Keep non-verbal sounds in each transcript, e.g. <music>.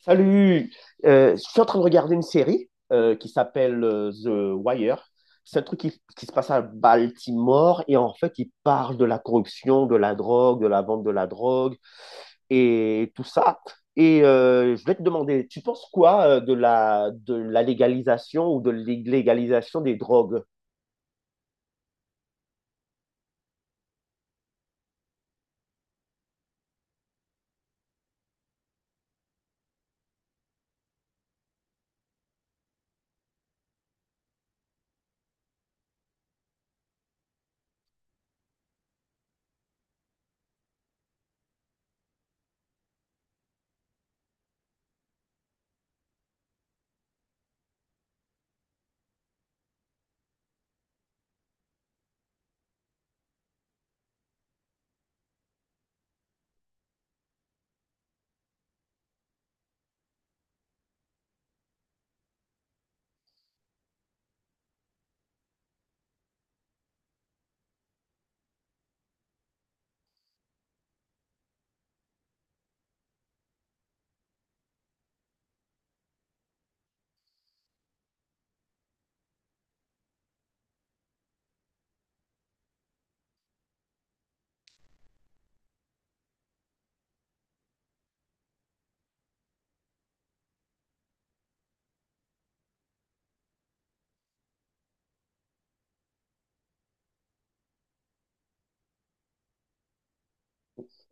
Salut. Je suis en train de regarder une série qui s'appelle The Wire. C'est un truc qui se passe à Baltimore et en fait, il parle de la corruption, de la drogue, de la vente de la drogue et tout ça. Et je voulais te demander, tu penses quoi de la légalisation ou de l'illégalisation des drogues?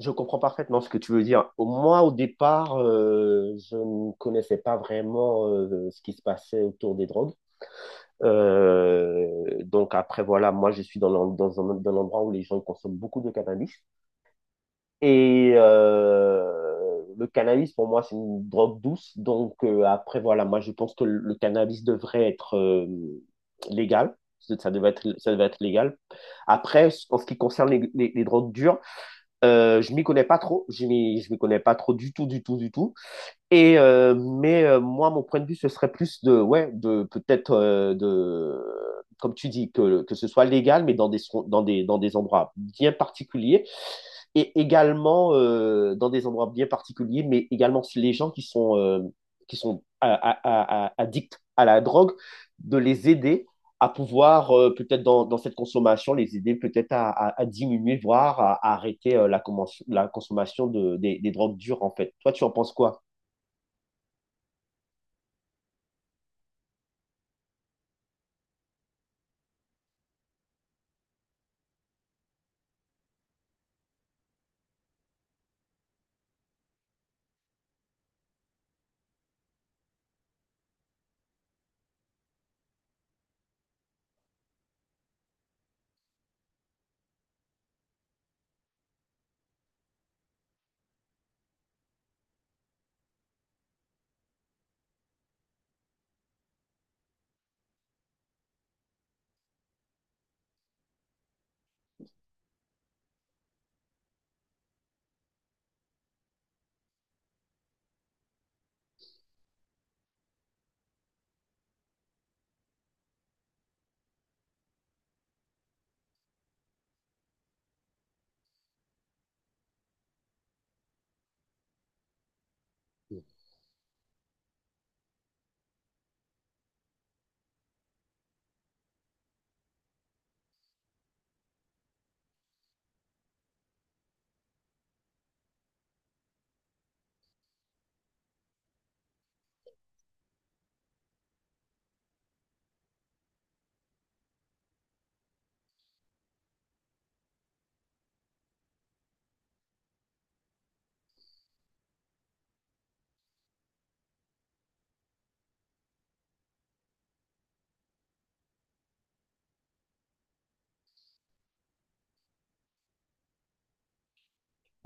Je comprends parfaitement ce que tu veux dire. Moi, au départ, je ne connaissais pas vraiment ce qui se passait autour des drogues. Donc après, voilà, moi, je suis dans dans un endroit où les gens consomment beaucoup de cannabis. Et le cannabis, pour moi, c'est une drogue douce. Donc après, voilà, moi, je pense que le cannabis devrait être légal. Ça devrait être légal. Après, en ce qui concerne les drogues dures, je m'y connais pas trop. Je m'y connais pas trop, du tout, du tout, du tout. Mais moi, mon point de vue, ce serait plus de, ouais, de peut-être de, comme tu dis, que ce soit légal, mais dans dans des endroits bien particuliers. Et également dans des endroits bien particuliers, mais également les gens qui sont addicts à la drogue, de les aider à pouvoir, peut-être dans, dans cette consommation, les aider peut-être à diminuer, voire à arrêter la consommation des drogues dures, en fait. Toi, tu en penses quoi?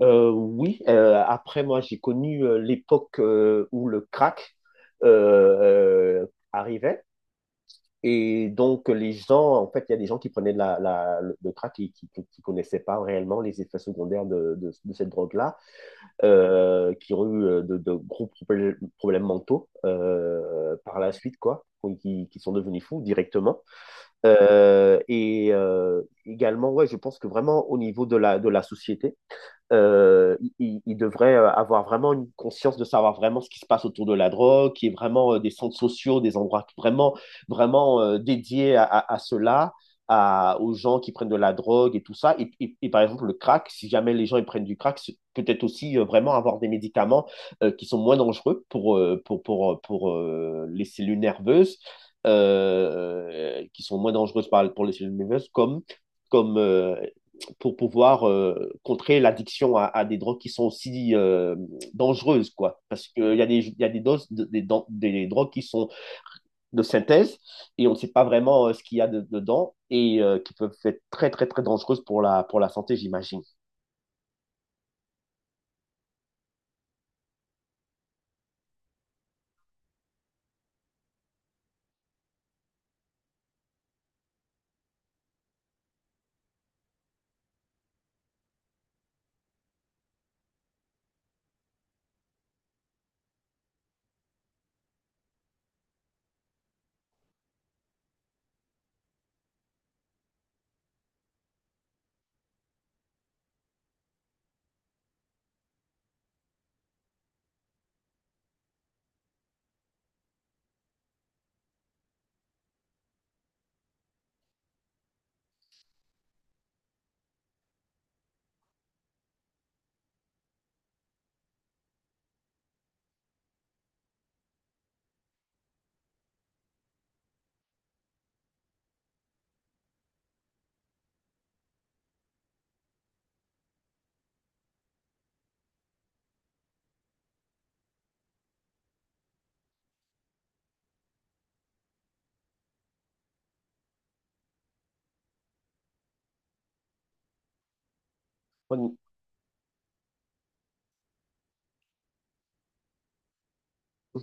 Oui, après moi j'ai connu l'époque où le crack euh, euh, arrivait, et donc les gens, en fait il y a des gens qui prenaient de le crack et qui ne connaissaient pas réellement les effets secondaires de cette drogue-là, qui ont eu de gros problèmes mentaux par la suite, quoi, qui sont devenus fous directement. Également, ouais, je pense que vraiment au niveau de de la société, il devrait avoir vraiment une conscience de savoir vraiment ce qui se passe autour de la drogue, qui est vraiment des centres sociaux, des endroits vraiment, vraiment dédiés à cela, à, aux gens qui prennent de la drogue et tout ça. Et par exemple, le crack, si jamais les gens ils prennent du crack, c'est peut-être aussi vraiment avoir des médicaments qui sont moins dangereux pour, pour les cellules nerveuses, qui sont moins dangereuses pour les cellules nerveuses, comme pour pouvoir contrer l'addiction des drogues qui sont aussi dangereuses, quoi. Parce qu'il y a des doses drogues qui sont de synthèse et on ne sait pas vraiment ce qu'il y a dedans et qui peuvent être très, très, très dangereuses pour pour la santé, j'imagine.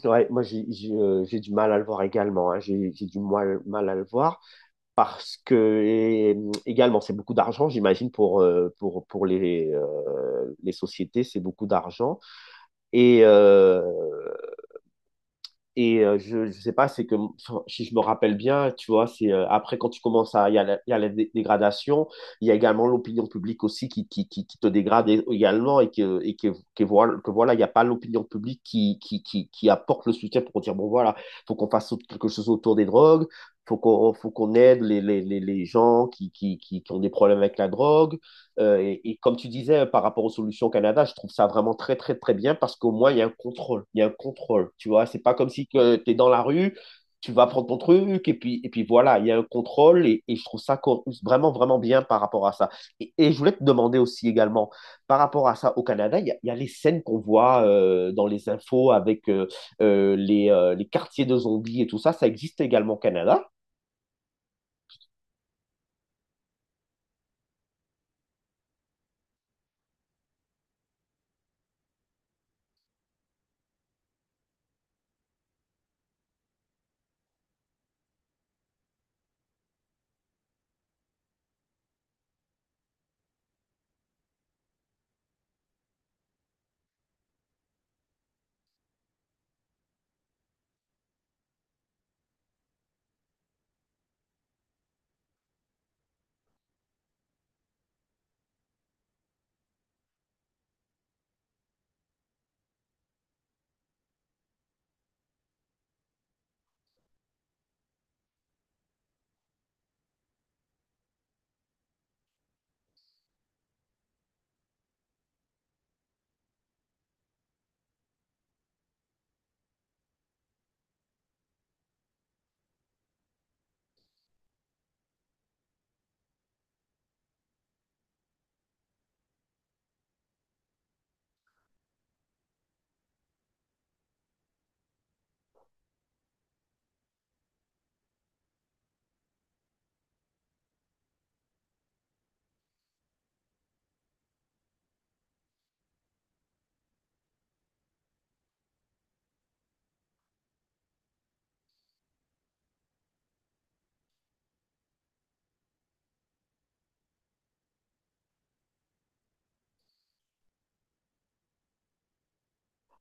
Ouais, moi, j'ai du mal à le voir également. Hein. J'ai du mal à le voir, parce que et, également, c'est beaucoup d'argent, j'imagine, pour les sociétés, c'est beaucoup d'argent. Et Euh, Et je ne sais pas, c'est que enfin, si je me rappelle bien, tu vois, c'est après quand tu commences à, il y a il y a la dégradation, il y a également l'opinion publique aussi qui te dégrade également, et que voilà, il n'y a pas l'opinion publique qui apporte le soutien pour dire, bon voilà, faut qu'on fasse quelque chose autour des drogues, faut qu'on aide les gens qui ont des problèmes avec la drogue, et, comme tu disais par rapport aux solutions au Canada, je trouve ça vraiment très très très bien parce qu'au moins il y a un contrôle, il y a un contrôle. Tu vois, c'est pas comme si tu es dans la rue, tu vas prendre ton truc et puis voilà, il y a un contrôle, et je trouve ça vraiment vraiment bien par rapport à ça. Je voulais te demander aussi également par rapport à ça au Canada, il y a les scènes qu'on voit dans les infos avec les quartiers de zombies et tout ça, ça existe également au Canada.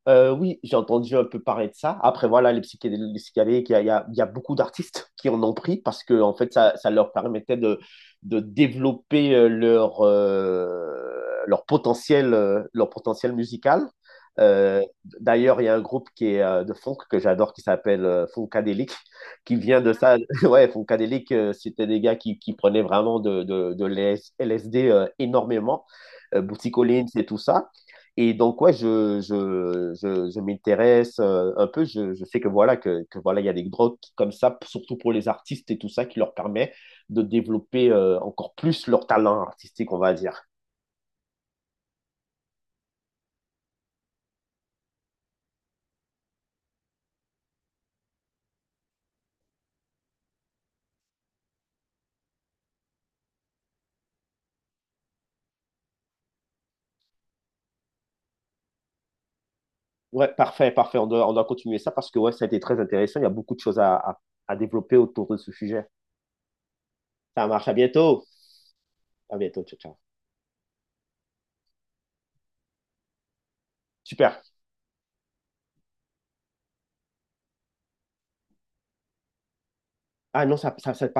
Oui, j'ai entendu un peu parler de ça. Après, voilà, les psychédéliques, il y a beaucoup d'artistes <laughs> qui en ont pris parce que, en fait, ça leur permettait de développer leur potentiel musical. Euh, D'ailleurs, il y a un groupe qui est de funk que j'adore qui s'appelle Funkadelic, qui vient de ça. <laughs> Ouais, Funkadelic, c'était des gars qui prenaient vraiment de l'LSD énormément. Bootsy Collins et tout ça. Et donc, ouais, je m'intéresse un peu. Je sais que voilà, que voilà, il y a des drogues comme ça, surtout pour les artistes et tout ça, qui leur permet de développer encore plus leur talent artistique, on va dire. Ouais, parfait, parfait. On doit continuer ça parce que ouais, ça a été très intéressant. Il y a beaucoup de choses à développer autour de ce sujet. Ça marche. À bientôt. À bientôt. Ciao, ciao. Super. Ah non, ça